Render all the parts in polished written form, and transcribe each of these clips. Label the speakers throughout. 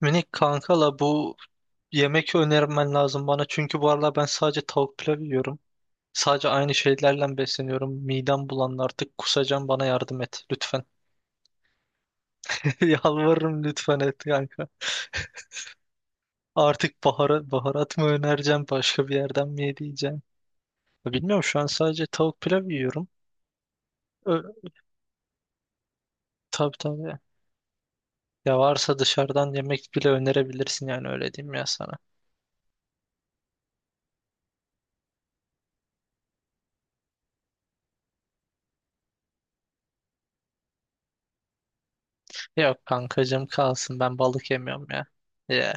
Speaker 1: Minik kankala bu yemek önermen lazım bana. Çünkü bu aralar ben sadece tavuk pilav yiyorum. Sadece aynı şeylerle besleniyorum. Midem bulandı artık kusacağım bana yardım et lütfen. Yalvarırım lütfen et kanka. Artık baharat mı önereceğim başka bir yerden mi yediğeceğim? Bilmiyorum şu an sadece tavuk pilav yiyorum. Ö tabii tabii. Ya varsa dışarıdan yemek bile önerebilirsin yani öyle diyeyim ya sana. Yok kankacığım kalsın ben balık yemiyorum ya. Ya.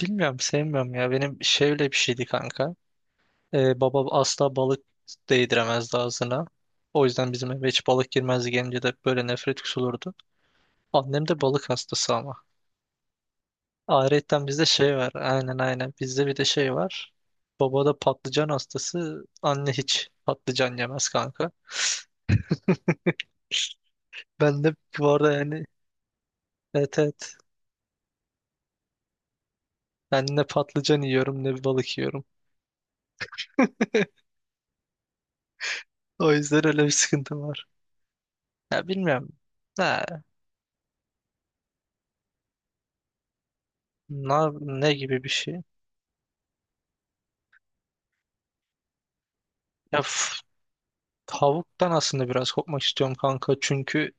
Speaker 1: Bilmiyorum sevmiyorum ya. Benim şöyle bir şeydi kanka. Baba asla balık değdiremezdi ağzına. O yüzden bizim eve hiç balık girmezdi gelince de böyle nefret kusulurdu. Annem de balık hastası ama. Ayrıca bizde şey var. Aynen aynen. Bizde bir de şey var. Baba da patlıcan hastası. Anne hiç patlıcan yemez kanka. Ben de bu arada yani evet evet. Ben ne patlıcan yiyorum ne balık yiyorum. O yüzden öyle bir sıkıntım var. Ya bilmiyorum. Ha, ne gibi bir şey? Ya f- Tavuktan aslında biraz kopmak istiyorum kanka. Çünkü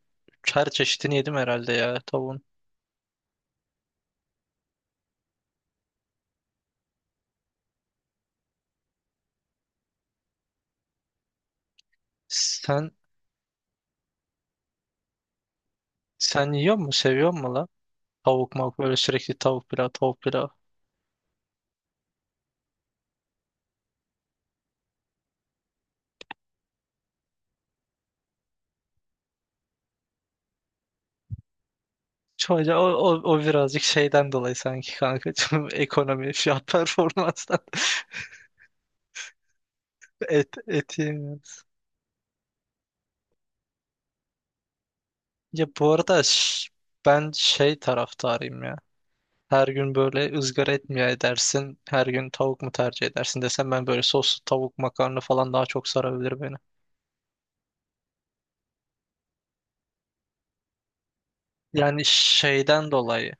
Speaker 1: her çeşidini yedim herhalde ya tavuğun. Sen sen yiyor mu seviyor mu la? Tavuk mavuk böyle sürekli tavuk pilav tavuk pilav. Çoğunca o birazcık şeyden dolayı sanki kanka. Ekonomi fiyat performanstan et yemiyoruz. Ya bu arada ş- Ben şey taraftarıyım ya. Her gün böyle ızgara et mi edersin? Her gün tavuk mu tercih edersin desem ben böyle soslu tavuk makarna falan daha çok sarabilir beni. Yani şeyden dolayı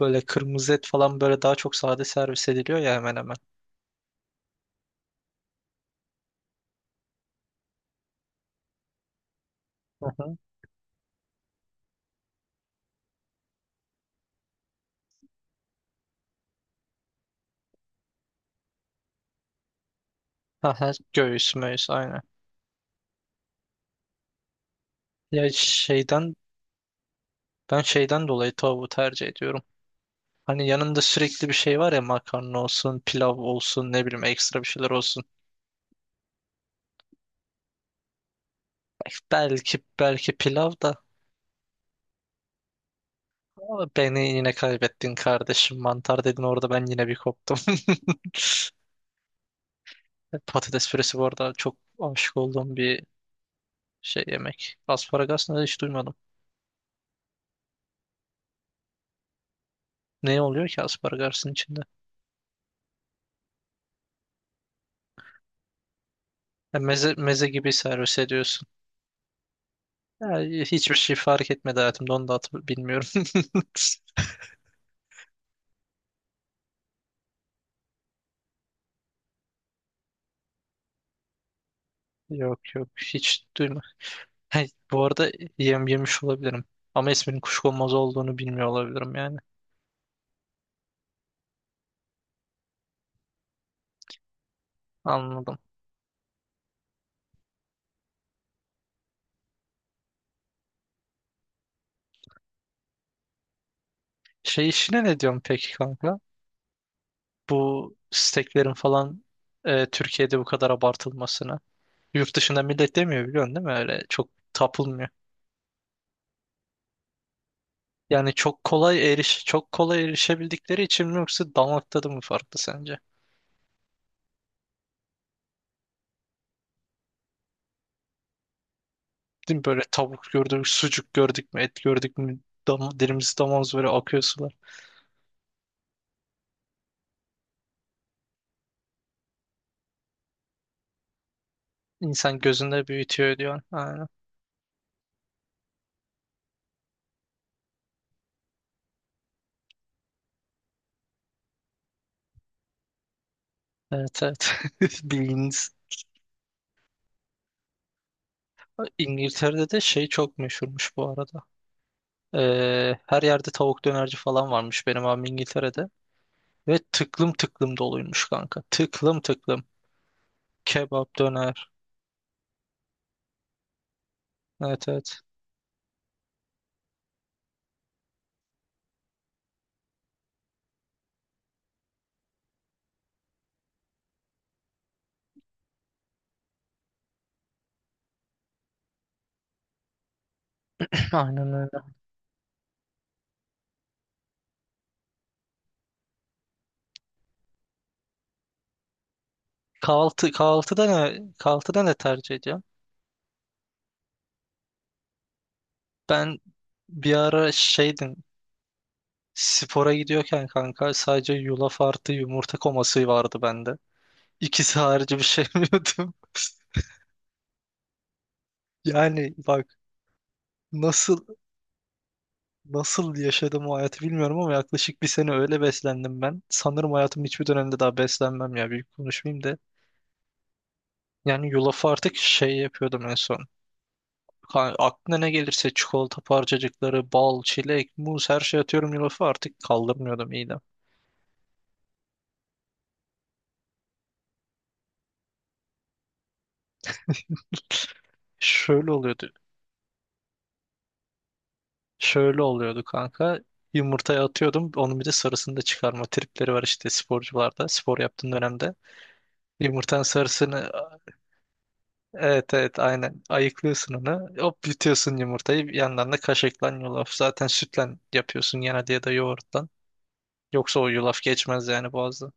Speaker 1: böyle kırmızı et falan böyle daha çok sade servis ediliyor ya hemen hemen. Hı hı. Aha, göğüs möğüs aynen. Ya şeyden Ben şeyden dolayı tavuğu tercih ediyorum. Hani yanında sürekli bir şey var ya makarna olsun, pilav olsun, ne bileyim ekstra bir şeyler olsun. Belki pilav da ama beni yine kaybettin kardeşim. Mantar dedin orada ben yine bir koptum. Patates püresi bu arada çok aşık olduğum bir şey yemek. Asparagas ne hiç duymadım. Ne oluyor ki aspargasın içinde? Ya meze gibi servis ediyorsun. Ya hiçbir şey fark etmedi hayatımda onu da bilmiyorum. Yok yok hiç duyma. Hey, bu arada yem yemiş olabilirim. Ama isminin kuşkonmaz olduğunu bilmiyor olabilirim yani. Anladım. Şey işine ne diyorsun peki kanka? Bu steklerin falan Türkiye'de bu kadar abartılmasına. Yurt dışında millet demiyor biliyorsun değil mi? Öyle çok tapılmıyor. Yani çok kolay eriş çok kolay erişebildikleri için mi yoksa damak tadı mı farklı sence? Değil mi? Böyle tavuk gördük, sucuk gördük mü, et gördük mü, dilimiz damağımız böyle akıyor sular. İnsan gözünde büyütüyor diyor. Aynen. Evet evet. Bildiğiniz. İngiltere'de de şey çok meşhurmuş bu arada. Her yerde tavuk dönerci falan varmış benim abim İngiltere'de. Ve tıklım tıklım doluymuş kanka. Tıklım tıklım. Kebap döner. Evet evet. Aynen öyle. Kahvaltıda ne tercih ediyorum? Ben bir ara şeydim, spora gidiyorken kanka sadece yulaf artı yumurta koması vardı bende. İkisi harici bir şey yemiyordum. Yani bak nasıl nasıl yaşadım o hayatı bilmiyorum ama yaklaşık bir sene öyle beslendim ben. Sanırım hayatım hiçbir dönemde daha beslenmem ya büyük konuşmayayım da. Yani yulafı artık şey yapıyordum en son. Aklına ne gelirse çikolata parçacıkları, bal, çilek, muz her şey atıyorum yulafı artık kaldırmıyordum midem. Şöyle oluyordu. Şöyle oluyordu kanka. Yumurtaya atıyordum. Onun bir de sarısını da çıkarma tripleri var işte sporcularda. Spor yaptığın dönemde. Yumurtanın sarısını evet evet aynen ayıklıyorsun onu. Hop yutuyorsun yumurtayı. Yanlarına kaşıklan yulaf. Zaten sütle yapıyorsun genelde ya da yoğurttan. Yoksa o yulaf geçmez yani boğazdan.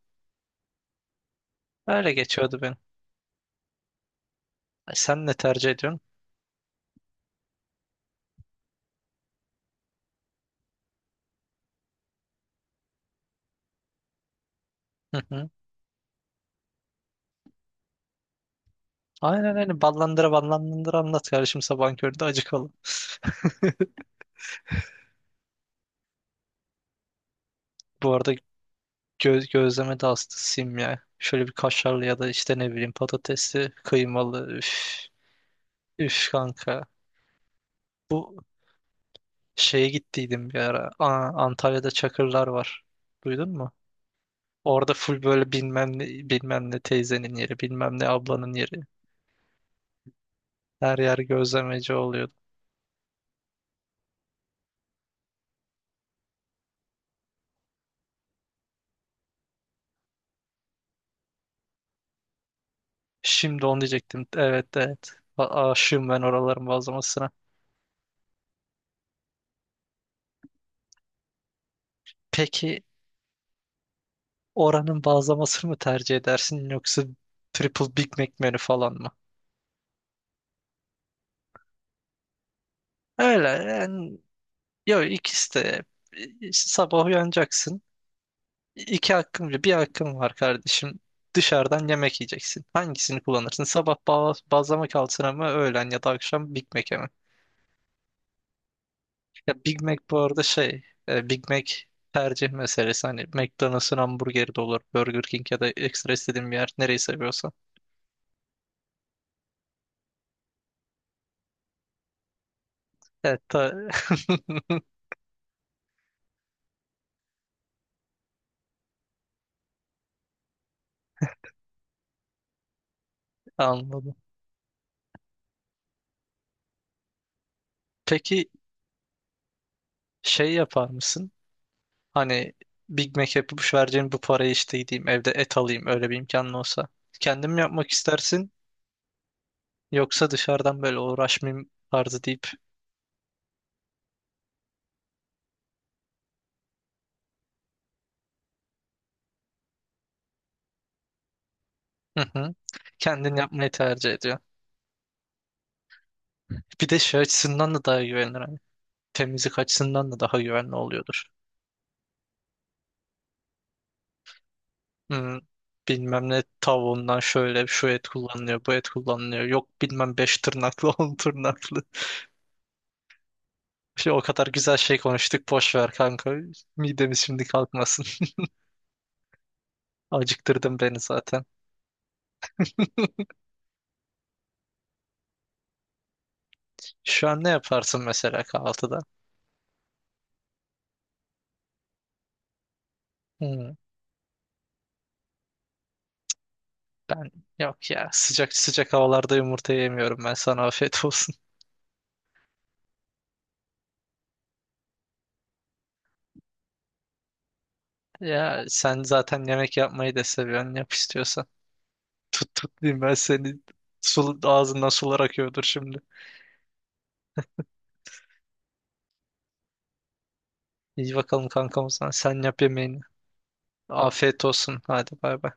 Speaker 1: Öyle geçiyordu benim. Ay, sen ne tercih ediyorsun? Aynen öyle. Ballandıra ballandıra anlat kardeşim sabahın köründe acıkalım. Bu arada gözleme de aslında sim ya. Şöyle bir kaşarlı ya da işte ne bileyim patatesli, kıymalı. Üf, üf kanka. Bu şeye gittiydim bir ara. Aa, Antalya'da Çakırlar var. Duydun mu? Orada full böyle bilmem ne, bilmem ne teyzenin yeri, bilmem ne ablanın yeri. Her yer gözlemeci oluyordu. Şimdi onu diyecektim. Evet evet. A aşığım ben oraların bazlamasına. Peki oranın bazlamasını mı tercih edersin yoksa triple Big Mac menü falan mı? Öyle yani yok ikisi de. İşte sabah uyanacaksın. İki hakkın var. Bir hakkın var kardeşim. Dışarıdan yemek yiyeceksin. Hangisini kullanırsın? Sabah bazlama kalsın mı öğlen ya da akşam Big Mac'e mi? Ya Big Mac bu arada şey e, Big Mac tercih meselesi. Hani McDonald's'ın hamburgeri de olur. Burger King ya da ekstra istediğin bir yer. Nereyi seviyorsan. Evet ta- anladım. Peki şey yapar mısın? Hani Big Mac yapıp şu vereceğim bu parayı işte gideyim evde et alayım öyle bir imkanın olsa. Kendim yapmak istersin yoksa dışarıdan böyle uğraşmayayım tarzı deyip hı hı, kendin yapmayı tercih ediyor. Bir de şey açısından da daha güvenilir. Hani. Temizlik açısından da daha güvenli oluyordur. Hmm, bilmem ne tavuğundan şöyle şu et kullanılıyor bu et kullanılıyor. Yok bilmem 5 tırnaklı 10 tırnaklı. Şey, o kadar güzel şey konuştuk boş ver kanka. Midemiz şimdi kalkmasın. Acıktırdın beni zaten. Şu an ne yaparsın mesela kahvaltıda? Hmm, ben yok ya sıcak sıcak havalarda yumurta yemiyorum ben sana afiyet olsun. Ya sen zaten yemek yapmayı da seviyorsun yap istiyorsan. Tut tut diyeyim ben seni ağzından sular akıyordur şimdi. İyi bakalım kankam o zaman sen yap yemeğini. Afiyet olsun hadi bay bay.